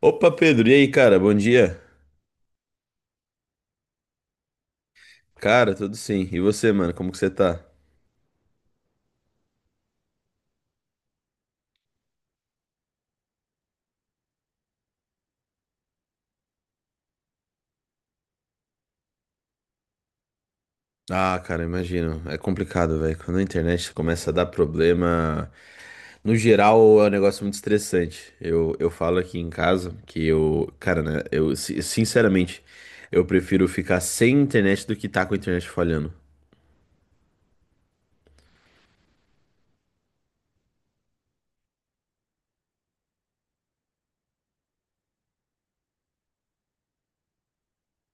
Opa, Pedro, e aí, cara? Bom dia. Cara, tudo sim. E você, mano, como que você tá? Ah, cara, imagino. É complicado, velho. Quando a internet começa a dar problema, no geral é um negócio muito estressante. Eu falo aqui em casa que eu, cara, né, sinceramente, eu prefiro ficar sem internet do que tá com a internet falhando.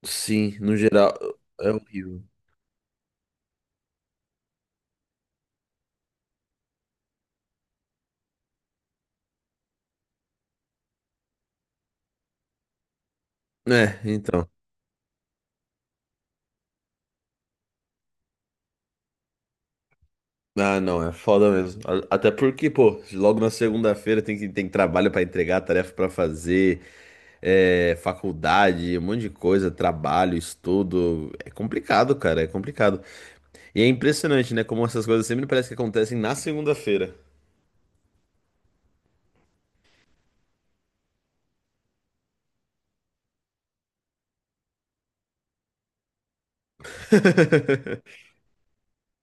Sim, no geral é horrível. É, então. Ah, não, é foda mesmo. Até porque, pô, logo na segunda-feira tem que tem trabalho pra entregar, tarefa pra fazer, faculdade, um monte de coisa, trabalho, estudo. É complicado, cara, é complicado. E é impressionante, né, como essas coisas sempre parece que acontecem na segunda-feira.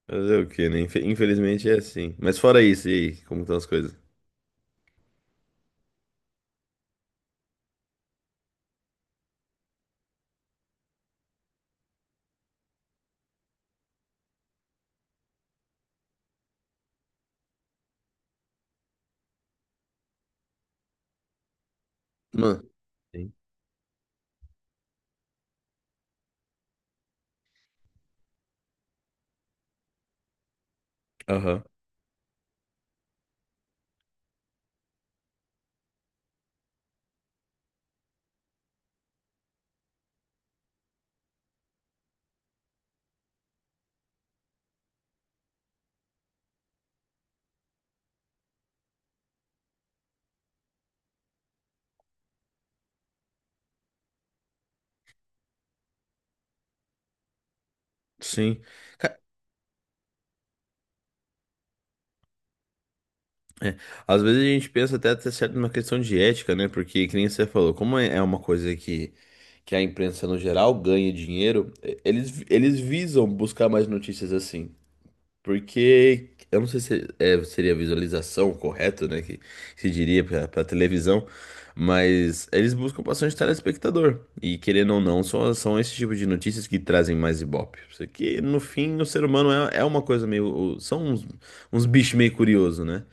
Fazer o quê, né? Infelizmente é assim. Mas fora isso, e aí, como estão as coisas? Mano. Sim. Aham. Sim. Ca- É, às vezes a gente pensa até certo numa questão de ética, né? Porque, que nem você falou, como é uma coisa que a imprensa no geral ganha dinheiro, eles, eles visam buscar mais notícias assim. Porque, eu não sei se é, seria a visualização correta, né? Que se diria pra, pra televisão, mas eles buscam bastante telespectador. E querendo ou não, são, são esse tipo de notícias que trazem mais ibope. Isso aqui, no fim, o ser humano é, é uma coisa meio. São uns, uns bichos meio curiosos, né?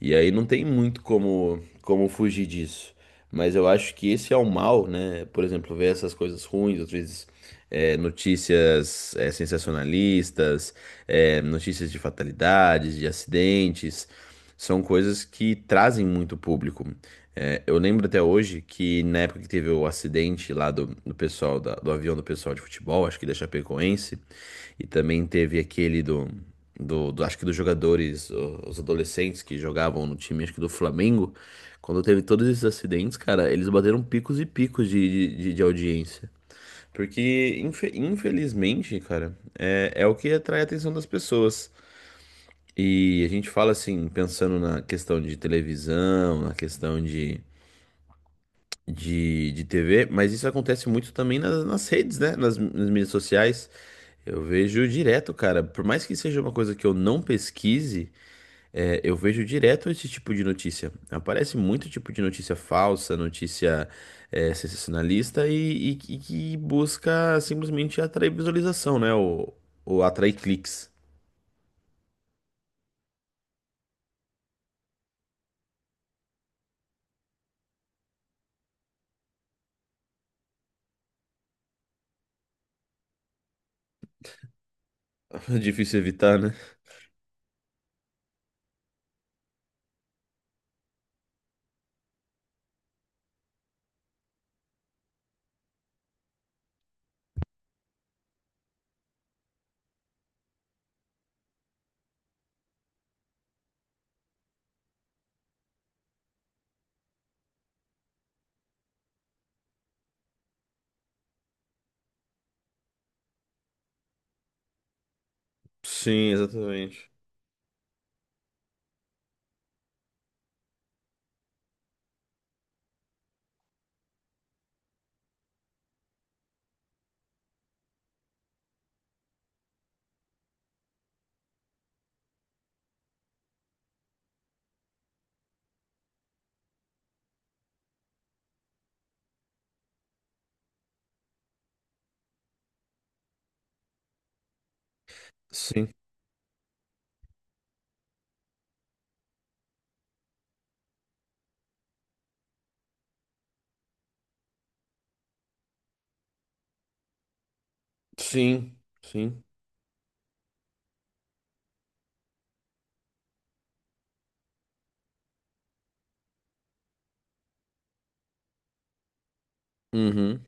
E aí não tem muito como, como fugir disso. Mas eu acho que esse é o mal, né? Por exemplo, ver essas coisas ruins, às vezes notícias sensacionalistas, notícias de fatalidades, de acidentes, são coisas que trazem muito público. É, eu lembro até hoje que na época que teve o acidente lá do, do pessoal, do avião do pessoal de futebol, acho que da Chapecoense, e também teve aquele do, do, acho que dos jogadores, os adolescentes que jogavam no time, acho que do Flamengo. Quando teve todos esses acidentes, cara, eles bateram picos e picos de audiência. Porque, infelizmente, cara, é, é o que atrai a atenção das pessoas. E a gente fala assim, pensando na questão de televisão, na questão de TV, mas isso acontece muito também nas, nas redes, né? Nas, nas mídias sociais. Eu vejo direto, cara. Por mais que seja uma coisa que eu não pesquise, eu vejo direto esse tipo de notícia. Aparece muito tipo de notícia falsa, notícia sensacionalista e, que busca simplesmente atrair visualização, né? Ou atrair cliques. Difícil evitar, né? Sim, exatamente. Sim, sim, sim. Uhum.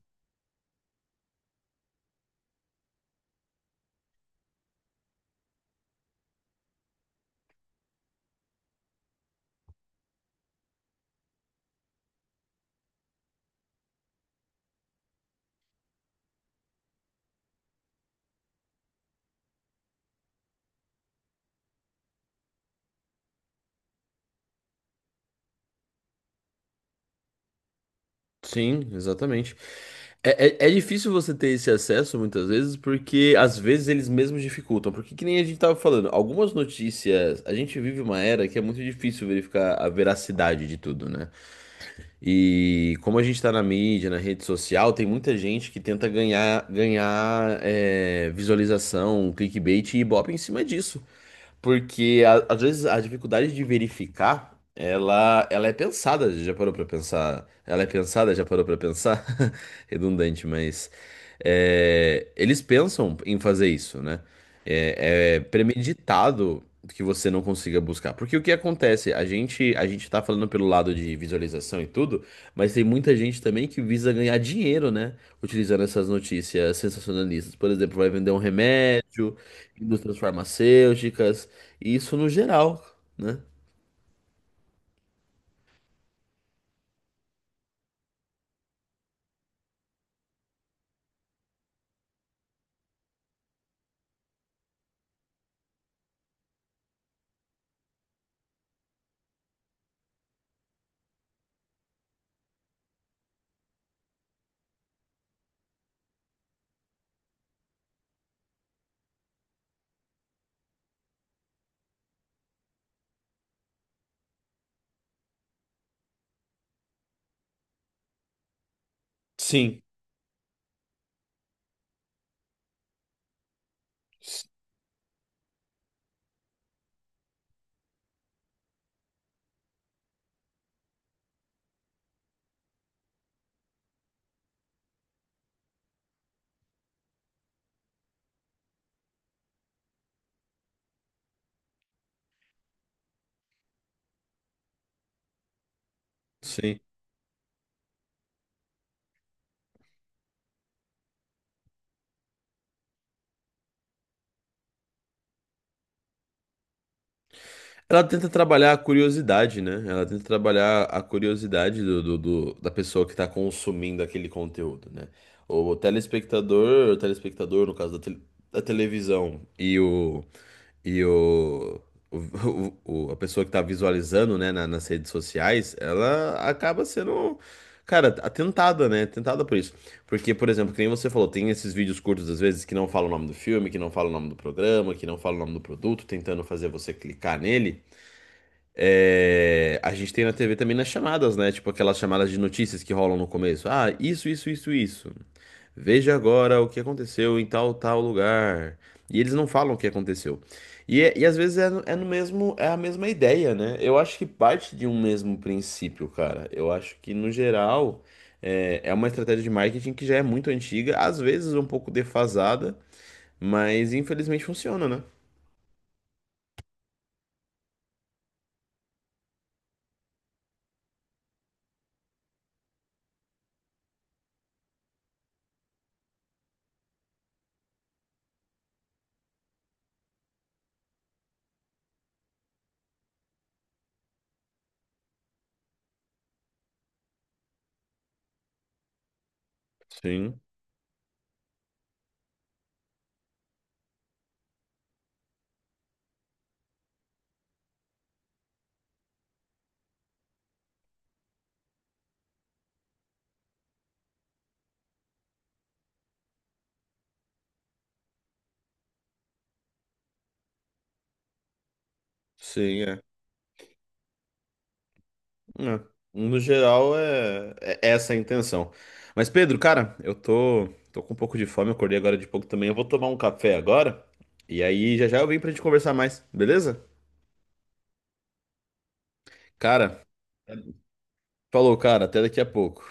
Sim, exatamente. É, é, é difícil você ter esse acesso muitas vezes, porque às vezes eles mesmos dificultam. Porque que nem a gente tava falando, algumas notícias, a gente vive uma era que é muito difícil verificar a veracidade de tudo, né? E como a gente tá na mídia, na rede social, tem muita gente que tenta ganhar visualização, clickbait e ibope em cima disso. Porque às vezes a dificuldade de verificar, ela é pensada, já parou pra pensar? Ela é pensada, já parou pra pensar? Redundante, mas eles pensam em fazer isso, né? É, é premeditado que você não consiga buscar. Porque o que acontece? A gente tá falando pelo lado de visualização e tudo, mas tem muita gente também que visa ganhar dinheiro, né? Utilizando essas notícias sensacionalistas. Por exemplo, vai vender um remédio, indústrias farmacêuticas, e isso no geral, né? Sim, s- sim. Ela tenta trabalhar a curiosidade, né? Ela tenta trabalhar a curiosidade do, da pessoa que está consumindo aquele conteúdo, né? O telespectador, no caso da, da televisão, e o- a pessoa que está visualizando, né, nas redes sociais, ela acaba sendo, cara, atentada, né? Tentada por isso. Porque, por exemplo, que nem você falou, tem esses vídeos curtos, às vezes, que não falam o nome do filme, que não falam o nome do programa, que não falam o nome do produto, tentando fazer você clicar nele. É, a gente tem na TV também nas chamadas, né? Tipo aquelas chamadas de notícias que rolam no começo. Ah, isso, isso, isso, isso. Veja agora o que aconteceu em tal, tal lugar. E eles não falam o que aconteceu. E, e às vezes é no mesmo, é a mesma ideia, né? Eu acho que parte de um mesmo princípio, cara. Eu acho que, no geral, é, é uma estratégia de marketing que já é muito antiga, às vezes um pouco defasada, mas infelizmente funciona, né? Sim, sim, É, No geral, é, é essa a intenção. Mas, Pedro, cara, tô com um pouco de fome, acordei agora de pouco também. Eu vou tomar um café agora. E aí, já já eu vim pra gente conversar mais, beleza? Cara, falou, cara, até daqui a pouco.